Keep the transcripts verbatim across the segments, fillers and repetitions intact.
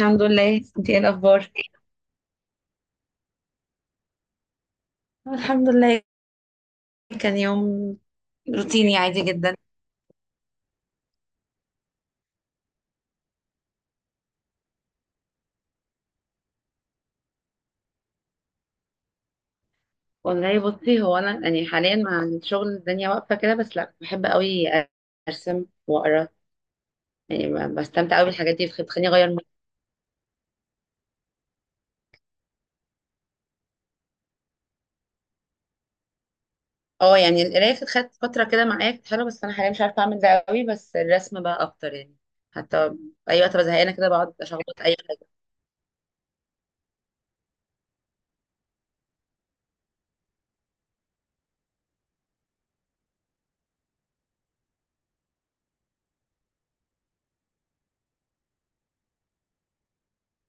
الحمد لله. انت ايه الاخبار؟ الحمد لله. كان يوم روتيني عادي جدا. والله بصي، هو انا يعني حاليا مع الشغل الدنيا واقفه كده، بس لا بحب قوي ارسم واقرا. يعني ب- بستمتع قوي بالحاجات دي، بتخ- بتخليني اغير مود. اه يعني القرايه كانت خدت فتره كده معايا، كانت حلوه، بس انا حاليا مش عارفه اعمل ده قوي، بس الرسم بقى اكتر يعني. حتى اي وقت بزهقانه كده بقعد اشخبط اي حاجه.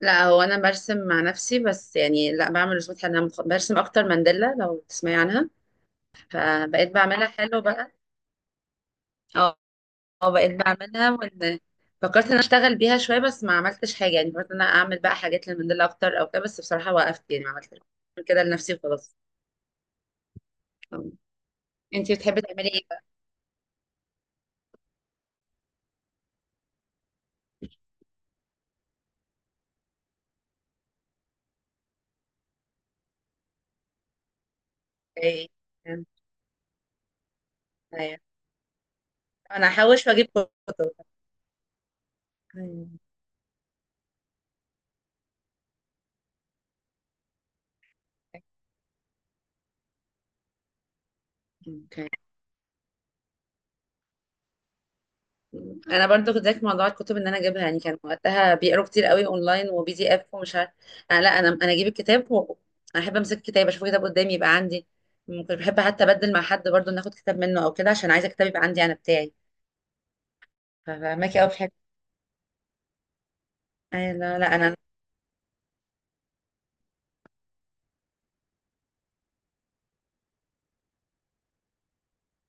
لا هو انا برسم مع نفسي، بس يعني لا بعمل رسومات حلوه، انا برسم اكتر مانديلا لو تسمعي عنها. فبقيت بعملها حلو بقى. اه، آه، بقيت بعملها، وان فكرت ان أنا اشتغل بيها شويه، بس ما عملتش حاجه. يعني فكرت ان انا اعمل بقى حاجات للموديل اكتر او كده، بس بصراحه وقفت يعني، ما عملتش. كده لنفسي وخلاص. آه. انتي بتحبي تعملي ايه بقى؟ ايه، أيوة. انا هحوش واجيب كتب. أيوة. اوكي. انا برضو كنت زيك في موضوع الكتب، ان انا اجيبها. يعني كان وقتها بيقروا كتير قوي اونلاين وبي دي اف ومش عارف. انا لا، انا انا اجيب الكتاب و... انا احب امسك الكتاب، اشوف كتاب قدامي يبقى عندي. ممكن بحب حتى ابدل مع حد برضو، ناخد كتاب منه او كده، عشان عايزه كتاب يبقى عندي انا بتاعي. فماكي قوي في الحته. أي لا لا انا.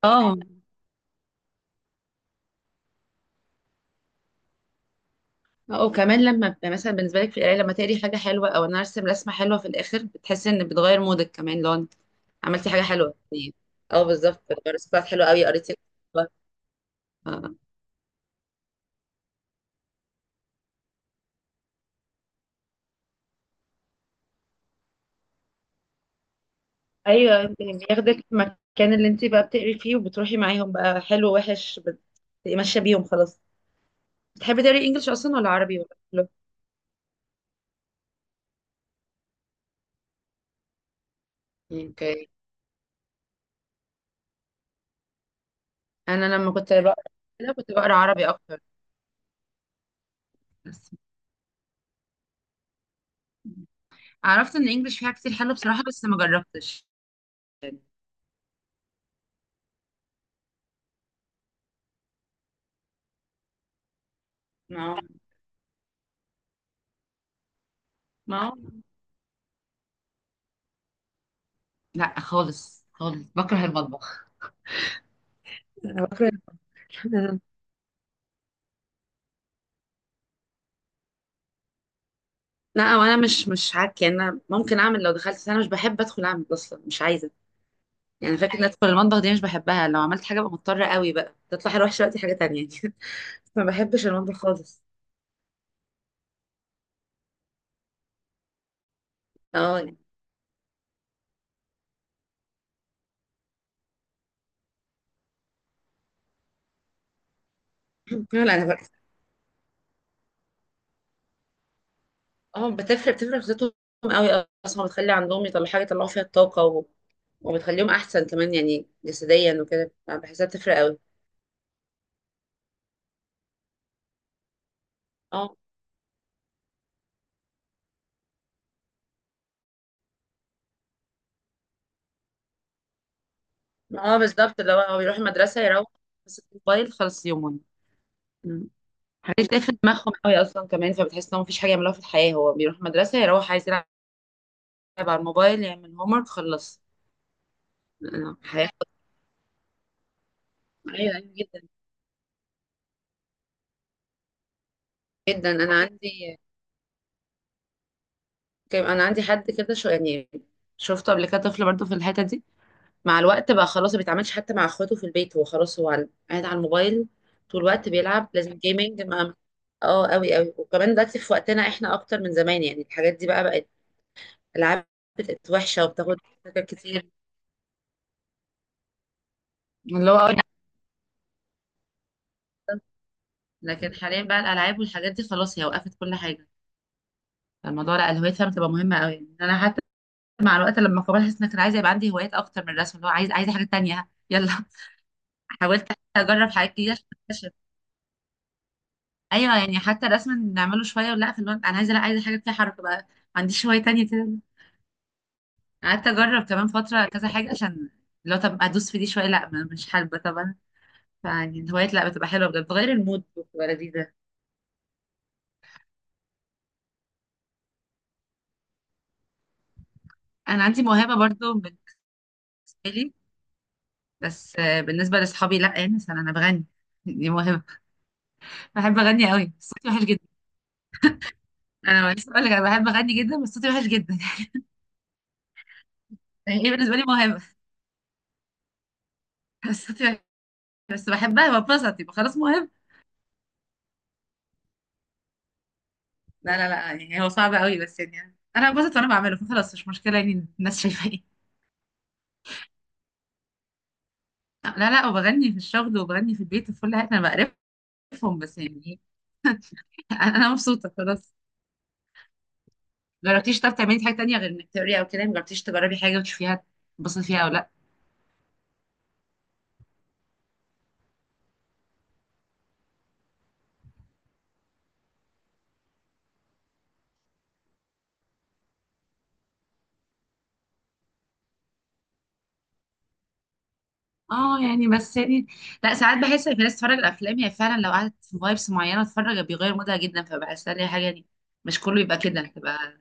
اه، اه وكمان لما بيبقى مثلا بالنسبه لك في القرايه، لما تقري حاجه حلوه او انا ارسم رسمه حلوه، في الاخر بتحسي ان بتغير مودك كمان لو انت عملتي حاجه حلوه. اه بالظبط. الرسالة بتاعت حلوه قوي قريتي. ايوه، انت بياخدك في المكان اللي انت بقى بتقري فيه، وبتروحي معاهم بقى، حلو وحش، بت- بتبقي ماشيه بيهم خلاص. بتحبي تقري انجلش اصلا، ولا عربي ولا كله؟ اوكي. انا لما كنت بقرا كده، كنت بقرا عربي اكتر. بس عرفت ان انجلش فيها كتير حلو بصراحه، بس ما جربتش. ما ما لا خالص خالص، بكره المطبخ. أنا بكره. لا وانا مش مش عك. يعني انا ممكن اعمل لو دخلت، بس انا مش بحب ادخل اعمل اصلا، مش عايزه. يعني فكرة إن أدخل المطبخ دي مش بحبها. لو عملت حاجة ببقى مضطرة قوي بقى، تطلع أروح دلوقتي حاجة تانية. ما بحبش المطبخ خالص. اه يعني. لا أنا بقى. اه بتفرق بتفرق خطتهم قوي أصلا، بتخلي عندهم يطلعوا حاجة، يطلعوا فيها الطاقة و... وبتخليهم أحسن كمان يعني جسديا وكده، بحسها بتفرق قوي. اه، اه بالظبط، اللي هو هو بيروح المدرسة، يروح بس الموبايل، خلص يومهم. مم. حاجات تقفل دماغهم قوي أصلا كمان، فبتحس إنهم مفيش حاجة يعملوها في الحياة. هو بيروح المدرسة، يروح عايز يلعب على الموبايل، يعمل هومورك، خلص. آه، حياة. ايوه ايوه جدا جدا. انا عندي كان- انا عندي حد كده، شو يعني شفته قبل كده، طفل برضه في الحته دي. مع الوقت بقى خلاص ما بيتعاملش حتى مع اخواته في البيت، هو خلاص هو على- قاعد على الموبايل طول الوقت بيلعب، لازم جيمنج مع. اه قوي قوي. وكمان دلوقتي في وقتنا احنا اكتر من زمان، يعني الحاجات دي بقى بقت العاب، بقت وحشه وبتاخد فكر كتير، اللي هو أقول. لكن حاليا بقى الالعاب والحاجات دي خلاص، هي وقفت كل حاجه. الموضوع لا، الهوية فعلا بتبقى مهمه قوي. انا حتى مع الوقت لما كبرت، حسيت انك انا عايزه يبقى عندي هوايات اكتر من الرسم، اللي هو عايز عايزه حاجه تانية، يلا. حاولت اجرب حاجات جديده عشان اكتشف. ايوه، يعني حتى الرسم نعمله شويه، ولا في الوقت انا عايزه، لا عايزه حاجه فيها حركه بقى، ما عنديش هوايه تانية كده. قعدت اجرب كمان فتره كذا حاجه، عشان لو طب ادوس في دي شويه، لا م- مش حابه طبعا. فيعني الهوايات لا، بتبقى حلوه بجد، بتغير المود، بتبقى لذيذه. انا عندي موهبه برضو بالنسبه لي، بس آه، بالنسبه لاصحابي لا. يعني مثلا انا بغني. دي موهبه. بحب اغني قوي، صوتي وحش جدا. انا لسه بقول لك، انا بحب اغني جدا بس صوتي وحش جدا. يعني ايه، بالنسبه لي موهبه. بس صوتي وحش. بس بحبها، ببسط، يبقى خلاص موهبه. لا لا لا، يعني هو صعب قوي، بس يعني انا ببسط وانا بعمله، فخلاص مش مشكله يعني الناس شايفه ايه. لا لا، وبغني في الشغل وبغني في البيت وفي كل حاجه، انا بقرفهم. بس يعني إيه، انا أنا مبسوطه خلاص. جربتيش طب تعملي حاجه تانية غير انك تقري او كده؟ جربتيش تجربي حاجه وتشوفيها، تبصي فيها او لا؟ اه يعني، بس يعني لا، ساعات بحس ان في ناس بتتفرج على الافلام هي فعلا لو قعدت في فايبس معينه تتفرج، بيغير مودها جدا، فبحسها لي حاجه دي. مش كله يبقى كده تبقى،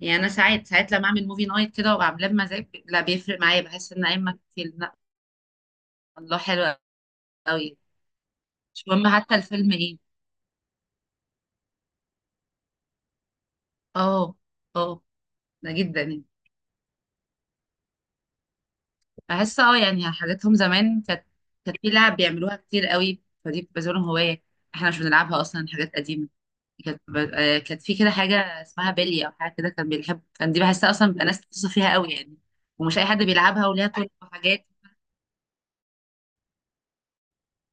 يعني انا ساعات ساعات لما اعمل موفي نايت كده وابقى عاملاه بمزاج، لا بيفرق معايا، بحس ان ايما كتير لا. الله، حلو قوي. مش مهم حتى الفيلم ايه. اه، اه ده جدا يعني. بحس اه يعني حاجاتهم زمان كانت، كانت في لعب بيعملوها كتير قوي، فدي بتبقى زي لهم هوايه. احنا مش بنلعبها اصلا، حاجات قديمه. كانت ب- آه، كانت في كده حاجة اسمها بلي أو حاجة كده، كان بيحب، كان دي بحسها أصلا بيبقى ناس بتوصف فيها قوي يعني. ومش أي حد بيلعبها، وليها طرق وحاجات.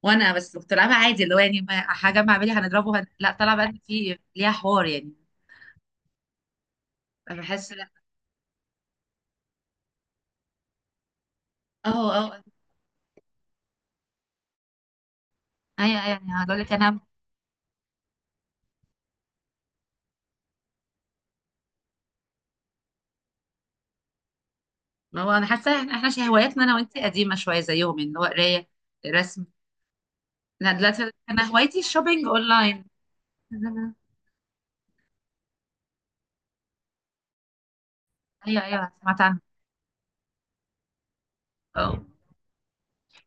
وأنا بس كنت بلعبها عادي، اللي هو يعني ما- هجمع بلي هنضربه هن... لا، طلع بقى إن في ليها حوار يعني. أنا بحس لا. اه، اه أه، أيوه أيوة، يعني هقول لك أنا. ما هو أنا حاسة إحنا إحنا شي- هواياتنا أنا وأنت قديمة شوية زيهم، يعني اللي هو قراية، رسم. أنا دلوقتي أنا هوايتي الشوبينج أونلاين. أيوه أيوه، سمعت عنها.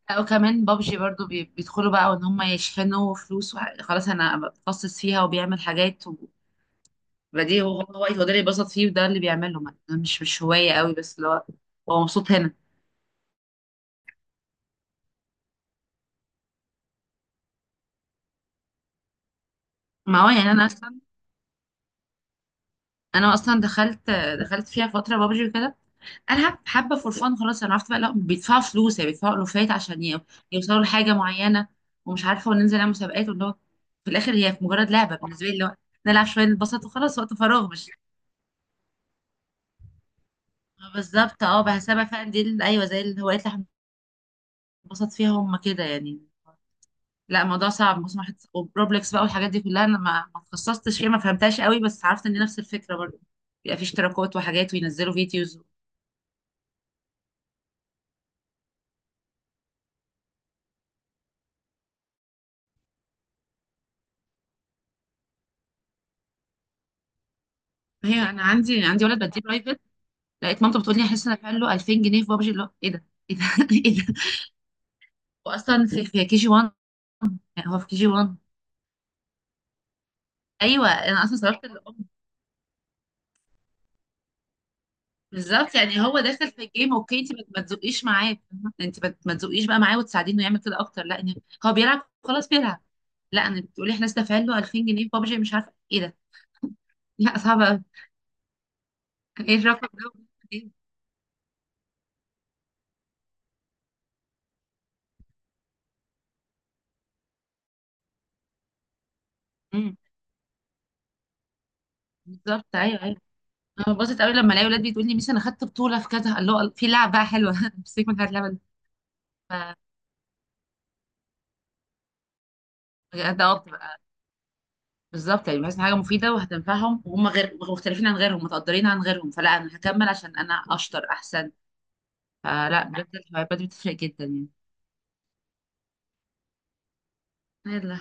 لا وكمان بابجي برضو، بي- بيدخلوا بقى وان هم يشحنوا فلوس وح- خلاص انا بتخصص فيها وبيعمل حاجات. وبديه، هو هو هو ده اللي بيبسط فيه وده اللي بيعمله، ما- ده مش مش هواية قوي، بس اللي هو هو مبسوط هنا. ما هو يعني انا اصلا انا اصلا دخلت دخلت فيها فترة بابجي وكده، العب حبة فور فان خلاص. انا عرفت بقى لا بيدفعوا فلوس، يعني بيدفعوا الوفات عشان ي- يوصلوا لحاجة معينة، ومش عارفة، وننزل نعمل مسابقات واللي هو في الاخر هي مجرد لعبة بالنسبة لي، اللي هو نلعب شوية نتبسط وخلاص، وقت فراغ مش. آه بالظبط، اه بحسابها فعلا دي ال- ايوه زي الهوايات اللي احنا بنبسط فيها، هم كده يعني. لا الموضوع صعب، بص واحد وبروبلكس بقى والحاجات دي كلها، انا ما ما اتخصصتش فيها، ما فهمتهاش قوي، بس عرفت ان نفس الفكره برضه بيبقى في اشتراكات وحاجات وينزلوا فيديوز. هي انا عندي عندي ولد بديه برايفت، لقيت مامته بتقول لي احس ان انا دافع له ألفين جنيه في بابجي، اللي هو ايه ده، ايه ده، ايه ده. واصلا في في كي جي واحد، يعني هو في كي جي واحد. ايوه انا اصلا صرفت. بالظبط يعني هو داخل في الجيم، اوكي. انت ما ما تزقيش معاه فاهمة؟ انت ما ما تزقيش بقى معاه وتساعدينه يعمل كده اكتر، لا إن هو بيلعب خلاص بيلعب. لا انا بتقولي احنا دافعين له ألفين جنيه في بابجي، مش عارفه ايه ده. لا صعب قوي. ايه الرقم ده؟ إيه؟ أمم، بالظبط ايوه ايوه. انا ببسط قوي لما الاقي ولاد بتقول لي ميس انا خدت بطوله في كذا، قال له في لعب بقى حلوه. مسك من هذا اللعبه. بجد اه، بتبقى بالظبط يعني، بحس إن حاجه مفيده وهتنفعهم، وهم غير مختلفين عن غيرهم، متقدرين عن غيرهم، فلا انا هكمل عشان انا اشطر احسن. فلا بجد الهوايات بتفرق جدا يعني. يلا.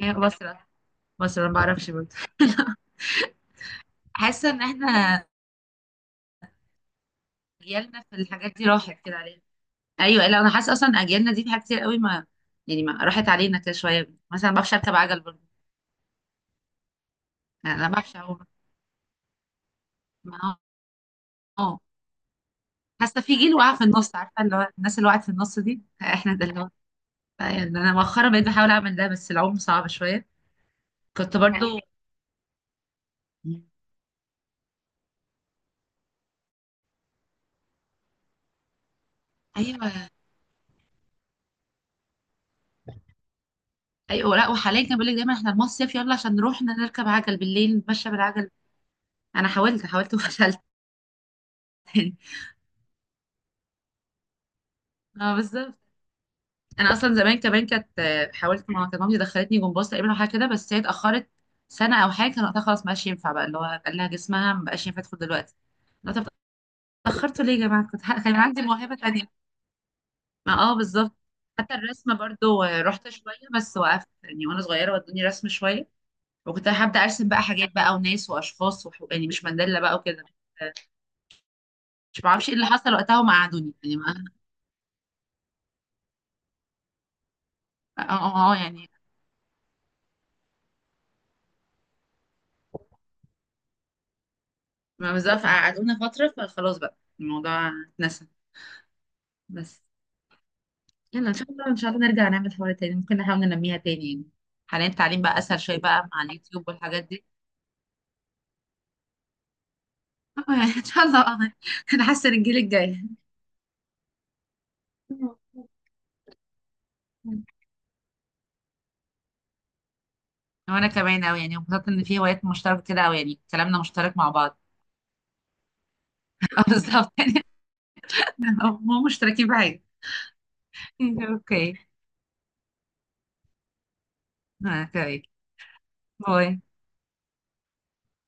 هي بسرعة. بسرعة ما بعرفش برضه. حاسة ان احنا اجيالنا في الحاجات دي راحت كده علينا. ايوه، لا انا حاسة اصلا اجيالنا دي في حاجات كتير قوي ما، يعني ما راحت علينا كده شوية. مثلا ما بعرفش اركب عجل برضه. يعني انا ما بعرفش اعوم. ما- اه حاسة في جيل وقع في النص، عارفة اللي هو الناس اللي وقعت في النص دي احنا، ده اللي هو يعني. انا مؤخرا بقيت بحاول اعمل ده، بس العوم صعب شوية. كنت برضه. ايوه ايوه. لا وحاليا كان بيقول لك دايما احنا المصيف يلا عشان نروح نركب عجل، بالليل نتمشى بالعجل. انا حاولت حاولت وفشلت. تاني. اه بالظبط. انا اصلا زمان كمان كانت آه، حاولت. ما كانت مامتي دخلتني جمباز تقريبا او حاجه كده، بس هي اتاخرت سنه او حاجه، كان وقتها خلاص ما بقاش ينفع بقى، اللي هو قال لها جسمها ما بقاش ينفع تدخل دلوقتي. لا طب، اتاخرتوا ليه يا جماعه، كنت ه- كان عندي موهبه تانية. ما اه بالظبط. حتى الرسمه برضو آه، رحت شويه بس وقفت، يعني وانا صغيره ودوني رسم شويه، وكنت هبدا ارسم بقى حاجات بقى وناس واشخاص وح... يعني مش مانديلا بقى وكده. مش بعرفش ايه اللي حصل وقتها وما قعدوني، يعني ما... اه اه آه، يعني ما بالظبط، قعدونا فترة فخلاص بقى الموضوع اتنسى. بس، يلا ان شاء الله، ان شاء الله نرجع نعمل حوار تاني. ممكن نحاول ننميها تاني يعني، حاليا التعليم بقى اسهل شوية بقى مع اليوتيوب والحاجات دي. آه، يعني ان شاء الله، آه، نحسن. الجيل الجاي. وانا كمان اوي، يعني انبسطت ان في هوايات مشتركة كده اوي، يعني كلامنا مشترك مع بعض. آه، بالظبط يعني. آه، مو مشتركين بحاجة. اوكي. آه، اوكي. باي.